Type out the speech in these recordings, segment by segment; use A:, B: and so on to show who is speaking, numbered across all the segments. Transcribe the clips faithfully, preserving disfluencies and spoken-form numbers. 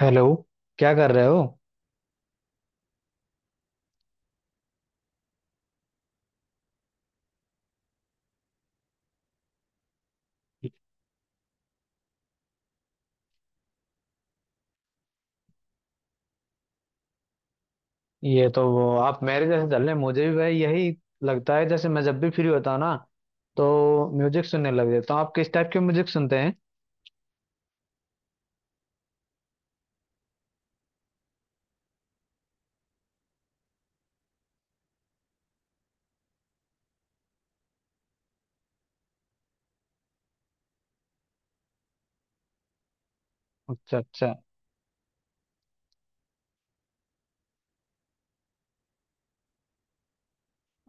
A: Hello, क्या कर रहे हो? ये तो वो आप मेरे जैसे चल रहे हैं। मुझे भी भाई यही लगता है, जैसे मैं जब भी फ्री होता हूँ ना तो म्यूजिक सुनने लग जाता हूँ। आप किस टाइप के म्यूजिक सुनते हैं? अच्छा अच्छा।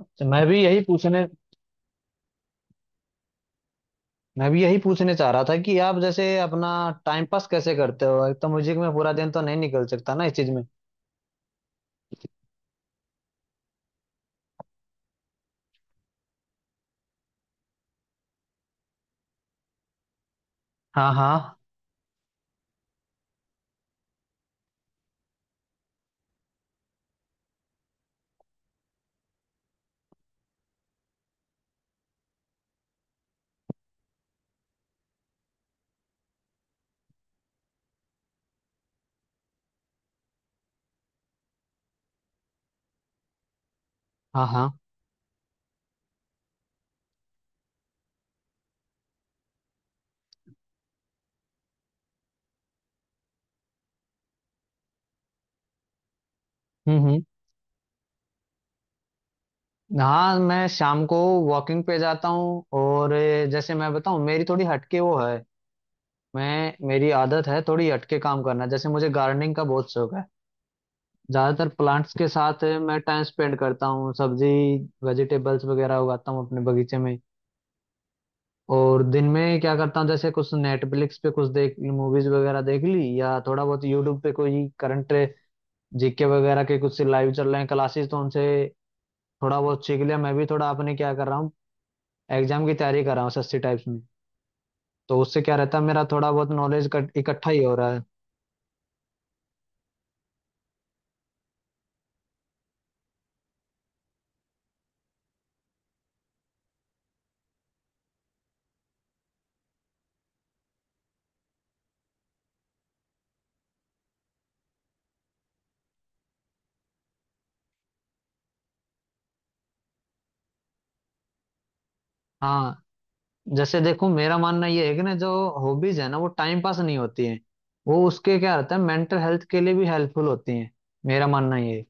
A: तो मैं भी यही पूछने मैं भी यही पूछने चाह रहा था कि आप जैसे अपना टाइम पास कैसे करते हो। एक तो म्यूजिक में पूरा दिन तो नहीं निकल सकता ना इस चीज में। हाँ हाँ। हाँ हाँ। हम्म हम्म। हाँ, मैं शाम को वॉकिंग पे जाता हूँ। और ए, जैसे मैं बताऊँ, मेरी थोड़ी हटके वो है। मैं मेरी आदत है थोड़ी हटके काम करना। जैसे मुझे गार्डनिंग का बहुत शौक है। ज्यादातर प्लांट्स के साथ मैं टाइम स्पेंड करता हूँ। सब्जी, वेजिटेबल्स वगैरह उगाता हूँ अपने बगीचे में। और दिन में क्या करता हूँ, जैसे कुछ नेटफ्लिक्स पे कुछ देख, मूवीज वगैरह देख ली, या थोड़ा बहुत यूट्यूब पे कोई करंट जीके वगैरह के कुछ लाइव चल रहे हैं क्लासेस, तो उनसे थोड़ा बहुत सीख लिया। मैं भी थोड़ा अपने क्या कर रहा हूँ, एग्जाम की तैयारी कर रहा हूँ सस्ती टाइप्स में। तो उससे क्या रहता है, मेरा थोड़ा बहुत नॉलेज इकट्ठा ही हो रहा है। हाँ, जैसे देखो, मेरा मानना ये है कि ना जो हॉबीज है ना वो टाइम पास नहीं होती है। वो उसके क्या रहता है, मेंटल हेल्थ के लिए भी हेल्पफुल होती है। मेरा मानना ये है।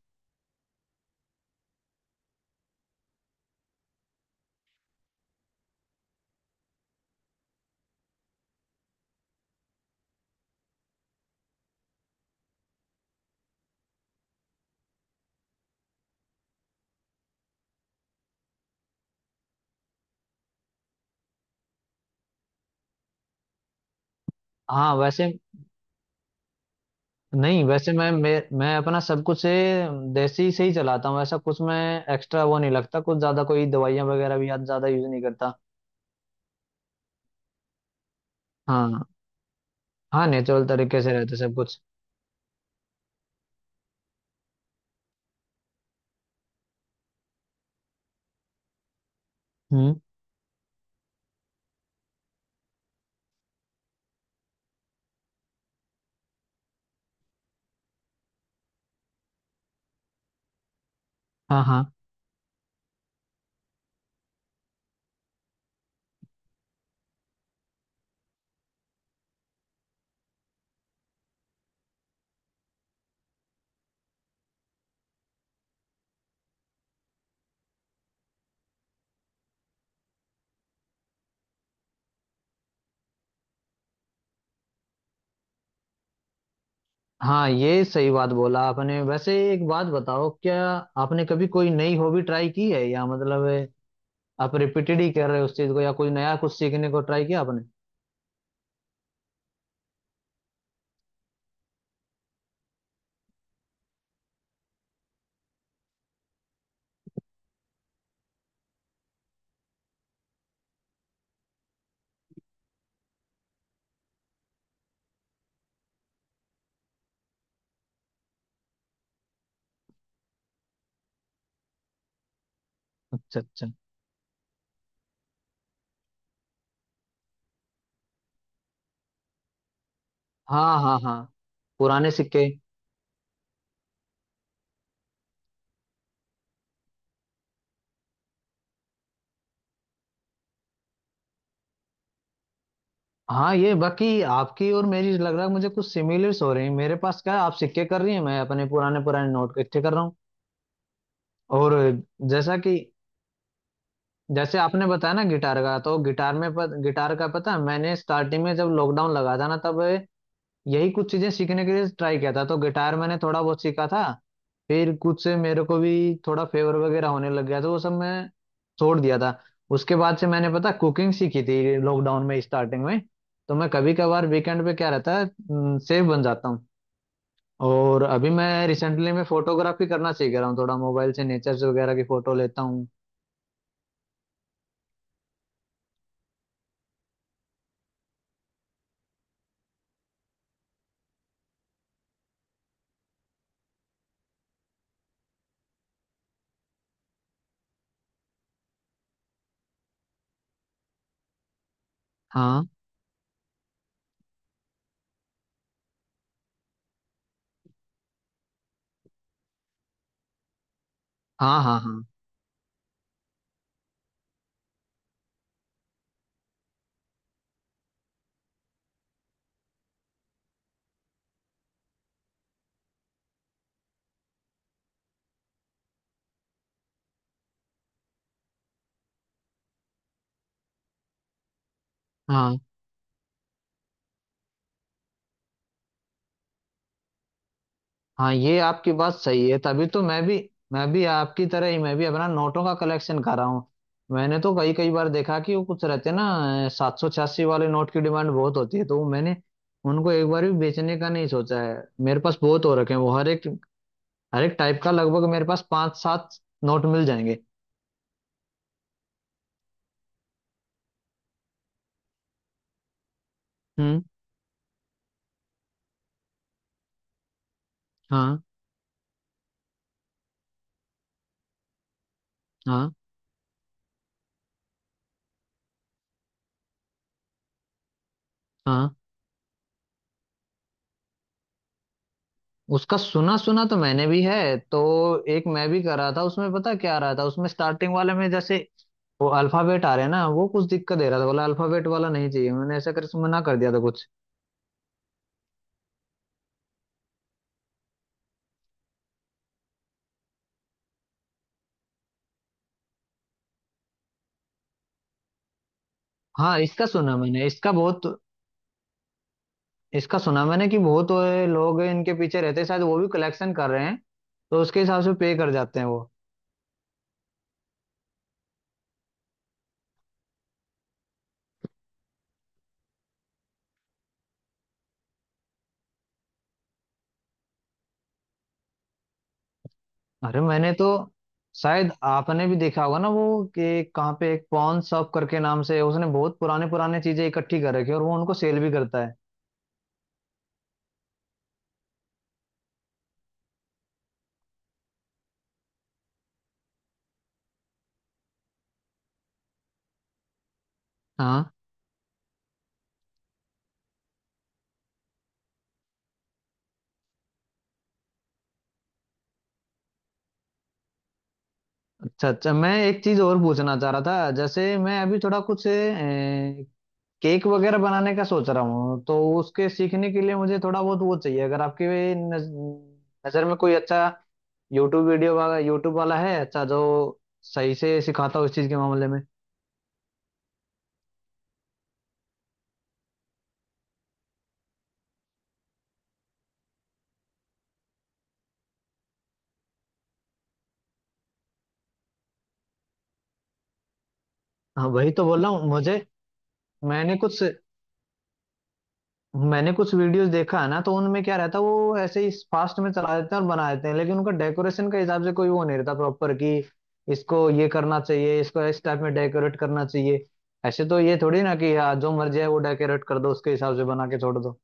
A: हाँ, वैसे नहीं, वैसे मैं मैं, मैं अपना सब कुछ ये देसी से ही चलाता हूँ। ऐसा कुछ मैं एक्स्ट्रा वो नहीं लगता, कुछ ज्यादा कोई दवाइयाँ वगैरह भी याद ज्यादा यूज नहीं करता। हाँ, हाँ नेचुरल तरीके से रहता सब कुछ। हम्म। हाँ हाँ। हाँ, ये सही बात बोला आपने। वैसे एक बात बताओ, क्या आपने कभी कोई नई हॉबी ट्राई की है? या मतलब आप रिपीटेड ही कर रहे हो उस चीज को, या कुछ नया कुछ सीखने को ट्राई किया आपने? अच्छा अच्छा। हाँ हाँ हाँ। पुराने सिक्के। हाँ, ये बाकी आपकी और मेरी लग रहा है मुझे कुछ सिमिलर्स हो रही हैं। मेरे पास क्या है, आप सिक्के कर रही हैं, मैं अपने पुराने पुराने नोट इकट्ठे कर रहा हूँ। और जैसा कि, जैसे आपने बताया ना गिटार का, तो गिटार में पत, गिटार का पता है, मैंने स्टार्टिंग में जब लॉकडाउन लगा था ना तब यही कुछ चीजें सीखने के लिए ट्राई किया था। तो गिटार मैंने थोड़ा बहुत सीखा था। फिर कुछ से मेरे को भी थोड़ा फेवर वगैरह होने लग गया तो वो सब मैं छोड़ दिया था। उसके बाद से मैंने पता कुकिंग सीखी थी लॉकडाउन में स्टार्टिंग में। तो मैं कभी कभार वीकेंड पे क्या रहता है, सेफ बन जाता हूँ। और अभी मैं रिसेंटली मैं फोटोग्राफी करना सीख रहा हूँ, थोड़ा मोबाइल से नेचर वगैरह की फोटो लेता हूँ। हाँ हाँ। हाँ हाँ। हाँ, ये आपकी बात सही है। तभी तो मैं भी मैं भी आपकी तरह ही मैं भी अपना नोटों का कलेक्शन कर रहा हूँ। मैंने तो कई कई बार देखा कि वो कुछ रहते हैं ना सात सौ छियासी वाले नोट की डिमांड बहुत होती है, तो मैंने उनको एक बार भी बेचने का नहीं सोचा है। मेरे पास बहुत हो रखे हैं वो, हर एक हर एक टाइप का लगभग मेरे पास पांच सात नोट मिल जाएंगे। हम्म। हाँ हाँ। हाँ, उसका सुना सुना तो मैंने भी है। तो एक मैं भी कर रहा था उसमें, पता क्या रहा था उसमें, स्टार्टिंग वाले में जैसे वो अल्फाबेट आ रहे हैं ना वो कुछ दिक्कत दे रहा था, बोला अल्फाबेट वाला नहीं चाहिए, मैंने ऐसा करके मना कर दिया था कुछ। हाँ इसका सुना मैंने इसका बहुत इसका सुना मैंने कि बहुत ए, लोग इनके पीछे रहते हैं, शायद वो भी कलेक्शन कर रहे हैं तो उसके हिसाब से पे कर जाते हैं वो। अरे मैंने तो शायद आपने भी देखा होगा ना वो कि कहाँ पे एक पॉन शॉप करके नाम से उसने बहुत पुराने पुराने चीजें इकट्ठी कर रखी है और वो उनको सेल भी करता है। हाँ। अच्छा अच्छा, मैं एक चीज और पूछना चाह रहा था। जैसे मैं अभी थोड़ा कुछ केक वगैरह बनाने का सोच रहा हूँ, तो उसके सीखने के लिए मुझे थोड़ा बहुत वो चाहिए। अगर आपकी वे नज, नज़र में कोई अच्छा यूट्यूब वीडियो वाला, यूट्यूब वाला है अच्छा, जो सही से सिखाता हो इस चीज़ के मामले में। हाँ वही तो बोल रहा हूँ, मुझे मैंने कुछ मैंने कुछ वीडियोस देखा है ना, तो उनमें क्या रहता है वो ऐसे ही फास्ट में चला देते हैं और बना देते हैं, लेकिन उनका डेकोरेशन के हिसाब से कोई वो नहीं रहता प्रॉपर कि इसको ये करना चाहिए, इसको इस टाइप में डेकोरेट करना चाहिए। ऐसे तो ये थोड़ी ना कि हाँ जो मर्जी है वो डेकोरेट कर दो, उसके हिसाब से बना के छोड़ दो।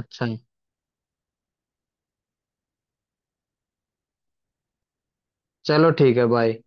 A: अच्छा, चलो ठीक है, बाय।